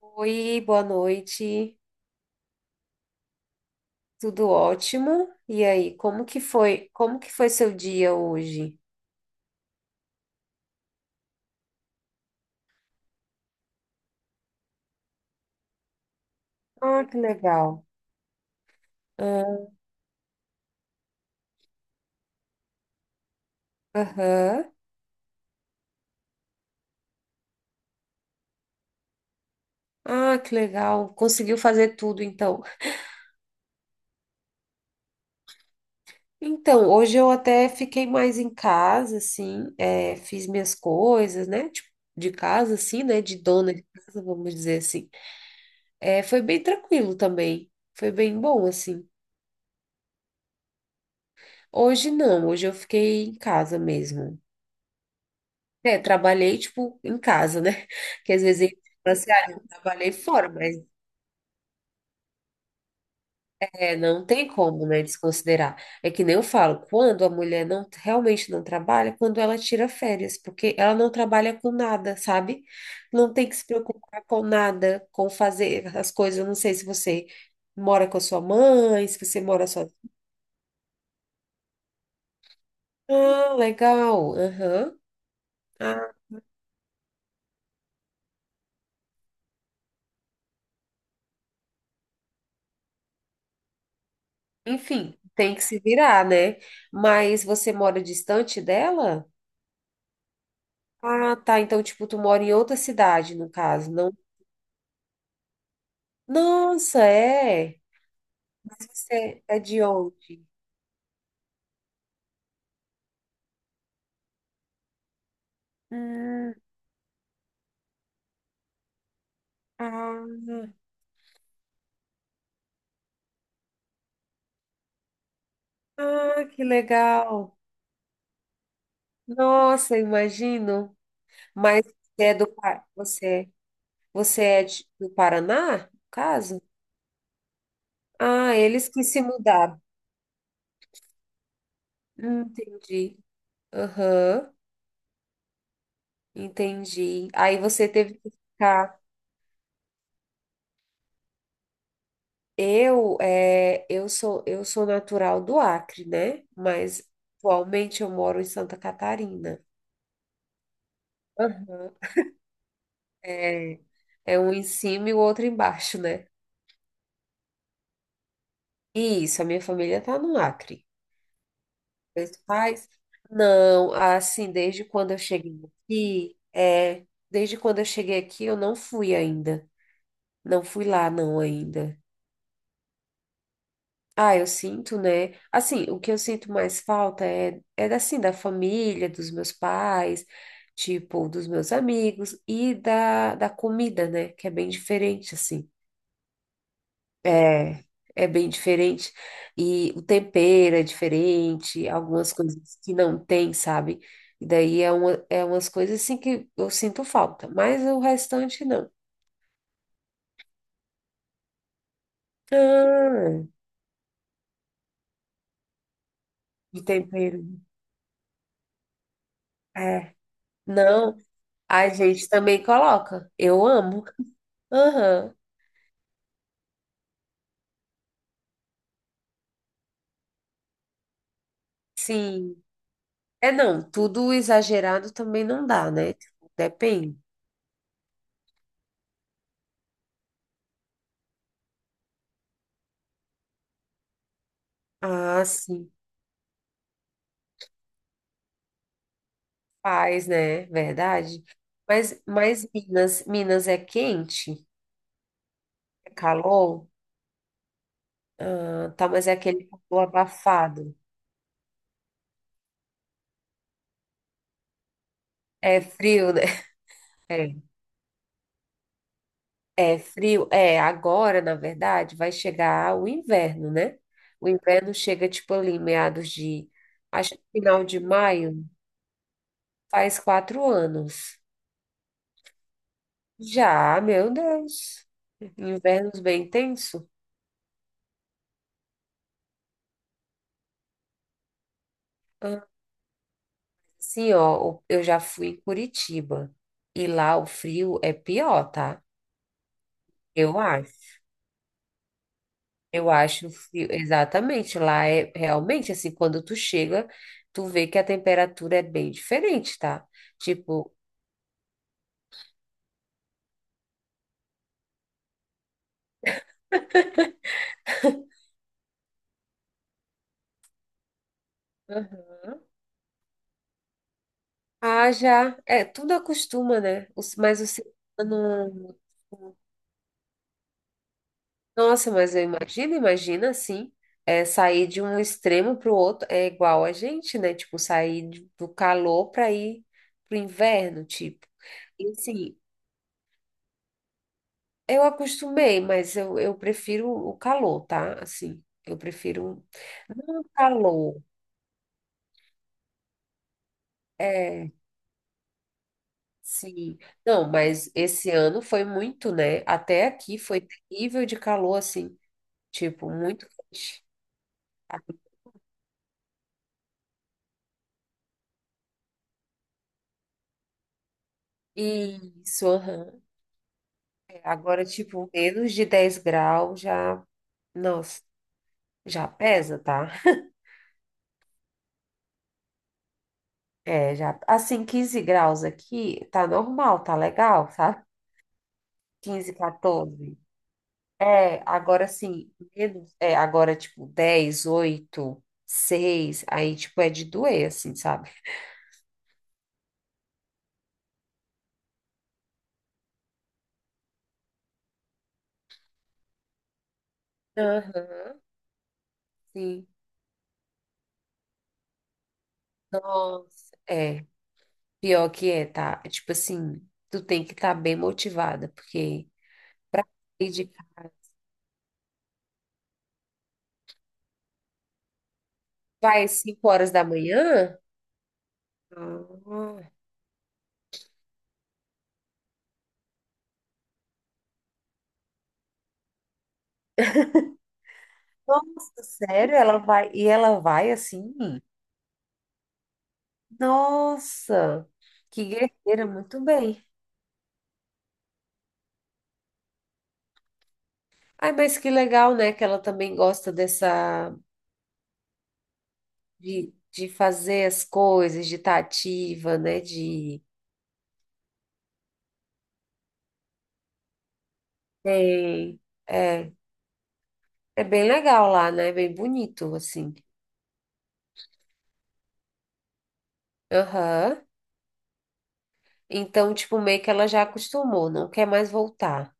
Oi, boa noite. Tudo ótimo? E aí, como que foi? Como que foi seu dia hoje? Ah, que legal. Ah, aham. Ah, que legal. Conseguiu fazer tudo, então. Então, hoje eu até fiquei mais em casa, assim, é, fiz minhas coisas, né? Tipo, de casa, assim, né? De dona de casa, vamos dizer assim. É, foi bem tranquilo também. Foi bem bom, assim. Hoje não, hoje eu fiquei em casa mesmo. É, trabalhei, tipo, em casa, né? Que às vezes a gente fala assim, ah, eu trabalhei fora, mas é, não tem como, né, desconsiderar. É que nem eu falo, quando a mulher não realmente não trabalha, é quando ela tira férias, porque ela não trabalha com nada, sabe? Não tem que se preocupar com nada, com fazer as coisas. Eu não sei se você mora com a sua mãe, se você mora só. Ah, legal. Aham. Ah, enfim, tem que se virar, né? Mas você mora distante dela? Ah, tá. Então, tipo, tu mora em outra cidade, no caso, não? Nossa, é. Mas você é de onde? Hum, ah, ah, que legal. Nossa, imagino. Mas você é você, é do Paraná, no caso? Ah, eles que se mudaram. Entendi. Aham, entendi. Aí você teve que ficar. Eu sou natural do Acre, né? Mas atualmente eu moro em Santa Catarina. Aham. É, é um em cima e o outro embaixo, né? E isso, a minha família tá no Acre. Meus pais? Não, assim, desde quando eu cheguei aqui, eu não fui ainda. Não fui lá, não, ainda. Ah, eu sinto, né? Assim, o que eu sinto mais falta é, é assim, da família, dos meus pais, tipo, dos meus amigos e da comida, né? Que é bem diferente, assim. É, é bem diferente. E o tempero é diferente, algumas coisas que não tem, sabe? E daí é umas coisas assim que eu sinto falta, mas o restante não. Ah, de tempero. É. Não, a gente também coloca. Eu amo. Aham, sim. É, não, tudo exagerado também não dá, né? Tipo, depende. Ah, sim, faz, né? Verdade. Mas Minas, Minas é quente? É calor? Ah, tá, mas é aquele calor abafado. É frio, né? É, é frio. É, agora, na verdade, vai chegar o inverno, né? O inverno chega, tipo, ali, meados de, acho que final de maio, faz 4 anos. Já, meu Deus. Invernos bem tenso? Ah, sim, ó, eu já fui em Curitiba e lá o frio é pior, tá? Eu acho. Eu acho o frio, exatamente. Lá é realmente assim, quando tu chega, tu vê que a temperatura é bem diferente, tá? Tipo, aham. Ah, já, é, tudo acostuma, né? Mas o ser humano. Nossa, mas eu imagino, imagina assim, é, sair de um extremo para o outro é igual a gente, né? Tipo, sair do calor para ir pro inverno, tipo. E assim, eu acostumei, mas eu prefiro o calor, tá? Assim, eu prefiro não o calor. É, sim. Não, mas esse ano foi muito, né? Até aqui foi terrível de calor, assim, tipo, muito quente. Isso, aham. É, agora, tipo, menos de 10 graus já. Nossa, já pesa, tá? É, já. Assim, 15 graus aqui, tá normal, tá legal, sabe? 15 14. É, agora assim menos. É, agora, tipo, 10 8 seis. Aí, tipo, é de doer, assim, sabe? Aham, sim. Nossa, é. Pior que é, tá? É, tipo assim, tu tem que estar bem motivada, porque pra sair de casa, vai às 5 horas da manhã? Ah. Nossa, sério? Ela vai e ela vai assim? Nossa, que guerreira, muito bem. Ai, mas que legal, né? Que ela também gosta de fazer as coisas, de estar ativa, né? De tem, é, é bem legal lá, né? É bem bonito assim. Aham. Então, tipo, meio que ela já acostumou, não quer mais voltar.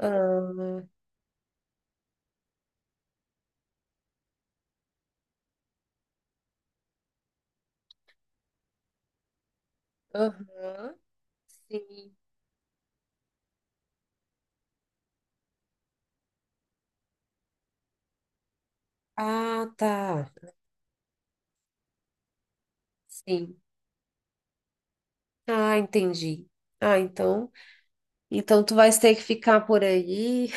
Ah, aham. Sim. Ah, tá. Sim. Ah, entendi. Ah, então, tu vais ter que ficar por aí.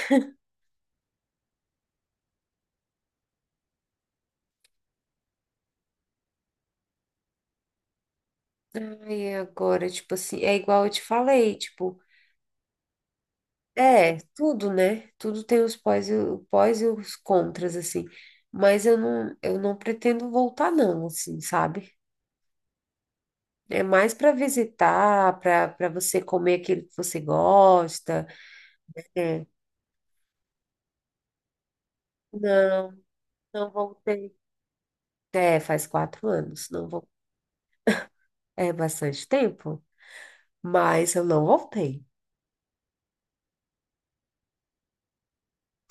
Ai, agora, tipo assim, é igual eu te falei, tipo, é, tudo, né? Tudo tem o pós e os contras, assim. Mas eu não pretendo voltar, não, assim, sabe? É mais para visitar, para você comer aquilo que você gosta. É. Não, não voltei. É, faz 4 anos, não vou. É bastante tempo, mas eu não voltei.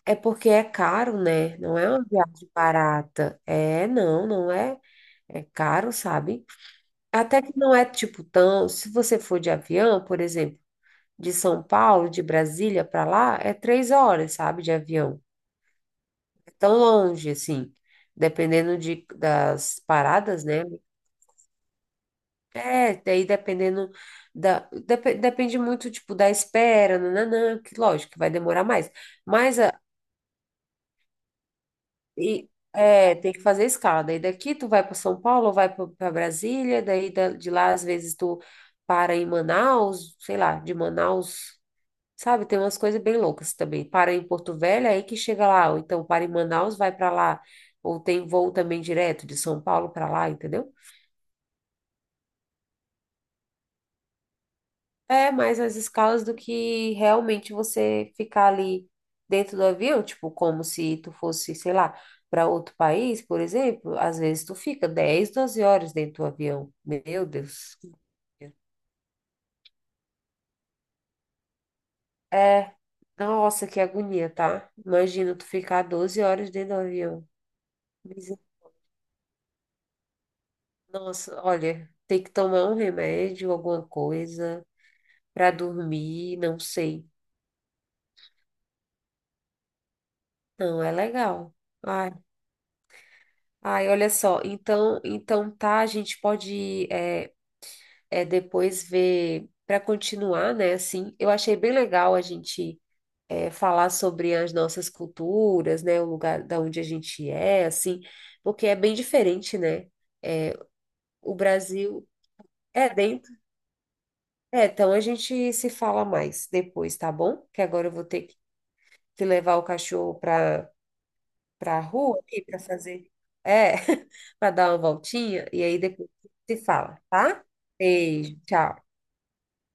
É porque é caro, né? Não é uma viagem barata. É, não, não é. É caro, sabe? Até que não é tipo tão. Se você for de avião, por exemplo, de São Paulo, de Brasília para lá, é 3 horas, sabe? De avião. É tão longe, assim. Dependendo das paradas, né? É, daí dependendo da. Depende muito, tipo, da espera, nananã, que lógico que vai demorar mais. Mas a E é, tem que fazer escala. Daí daqui tu vai para São Paulo, vai para Brasília, daí de lá às vezes tu para em Manaus, sei lá, de Manaus, sabe? Tem umas coisas bem loucas também. Para em Porto Velho, aí que chega lá, ou então para em Manaus, vai para lá, ou tem voo também direto de São Paulo para lá, entendeu? É mais as escalas do que realmente você ficar ali dentro do avião, tipo, como se tu fosse, sei lá, para outro país, por exemplo, às vezes tu fica 10, 12 horas dentro do avião. Meu Deus. É, nossa, que agonia, tá? Imagina tu ficar 12 horas dentro do avião. Miser- Nossa, olha, tem que tomar um remédio, alguma coisa, para dormir, não sei. Não é legal. Ai. Ai, olha só, então, tá, a gente pode é, depois ver para continuar, né? Assim, eu achei bem legal a gente falar sobre as nossas culturas, né? O lugar da onde a gente é, assim, porque é bem diferente, né? É, o Brasil é dentro. É, então a gente se fala mais depois, tá bom? Que agora eu vou ter que levar o cachorro para a rua aqui para fazer, é, para dar uma voltinha e aí depois se fala, tá? Beijo, tchau.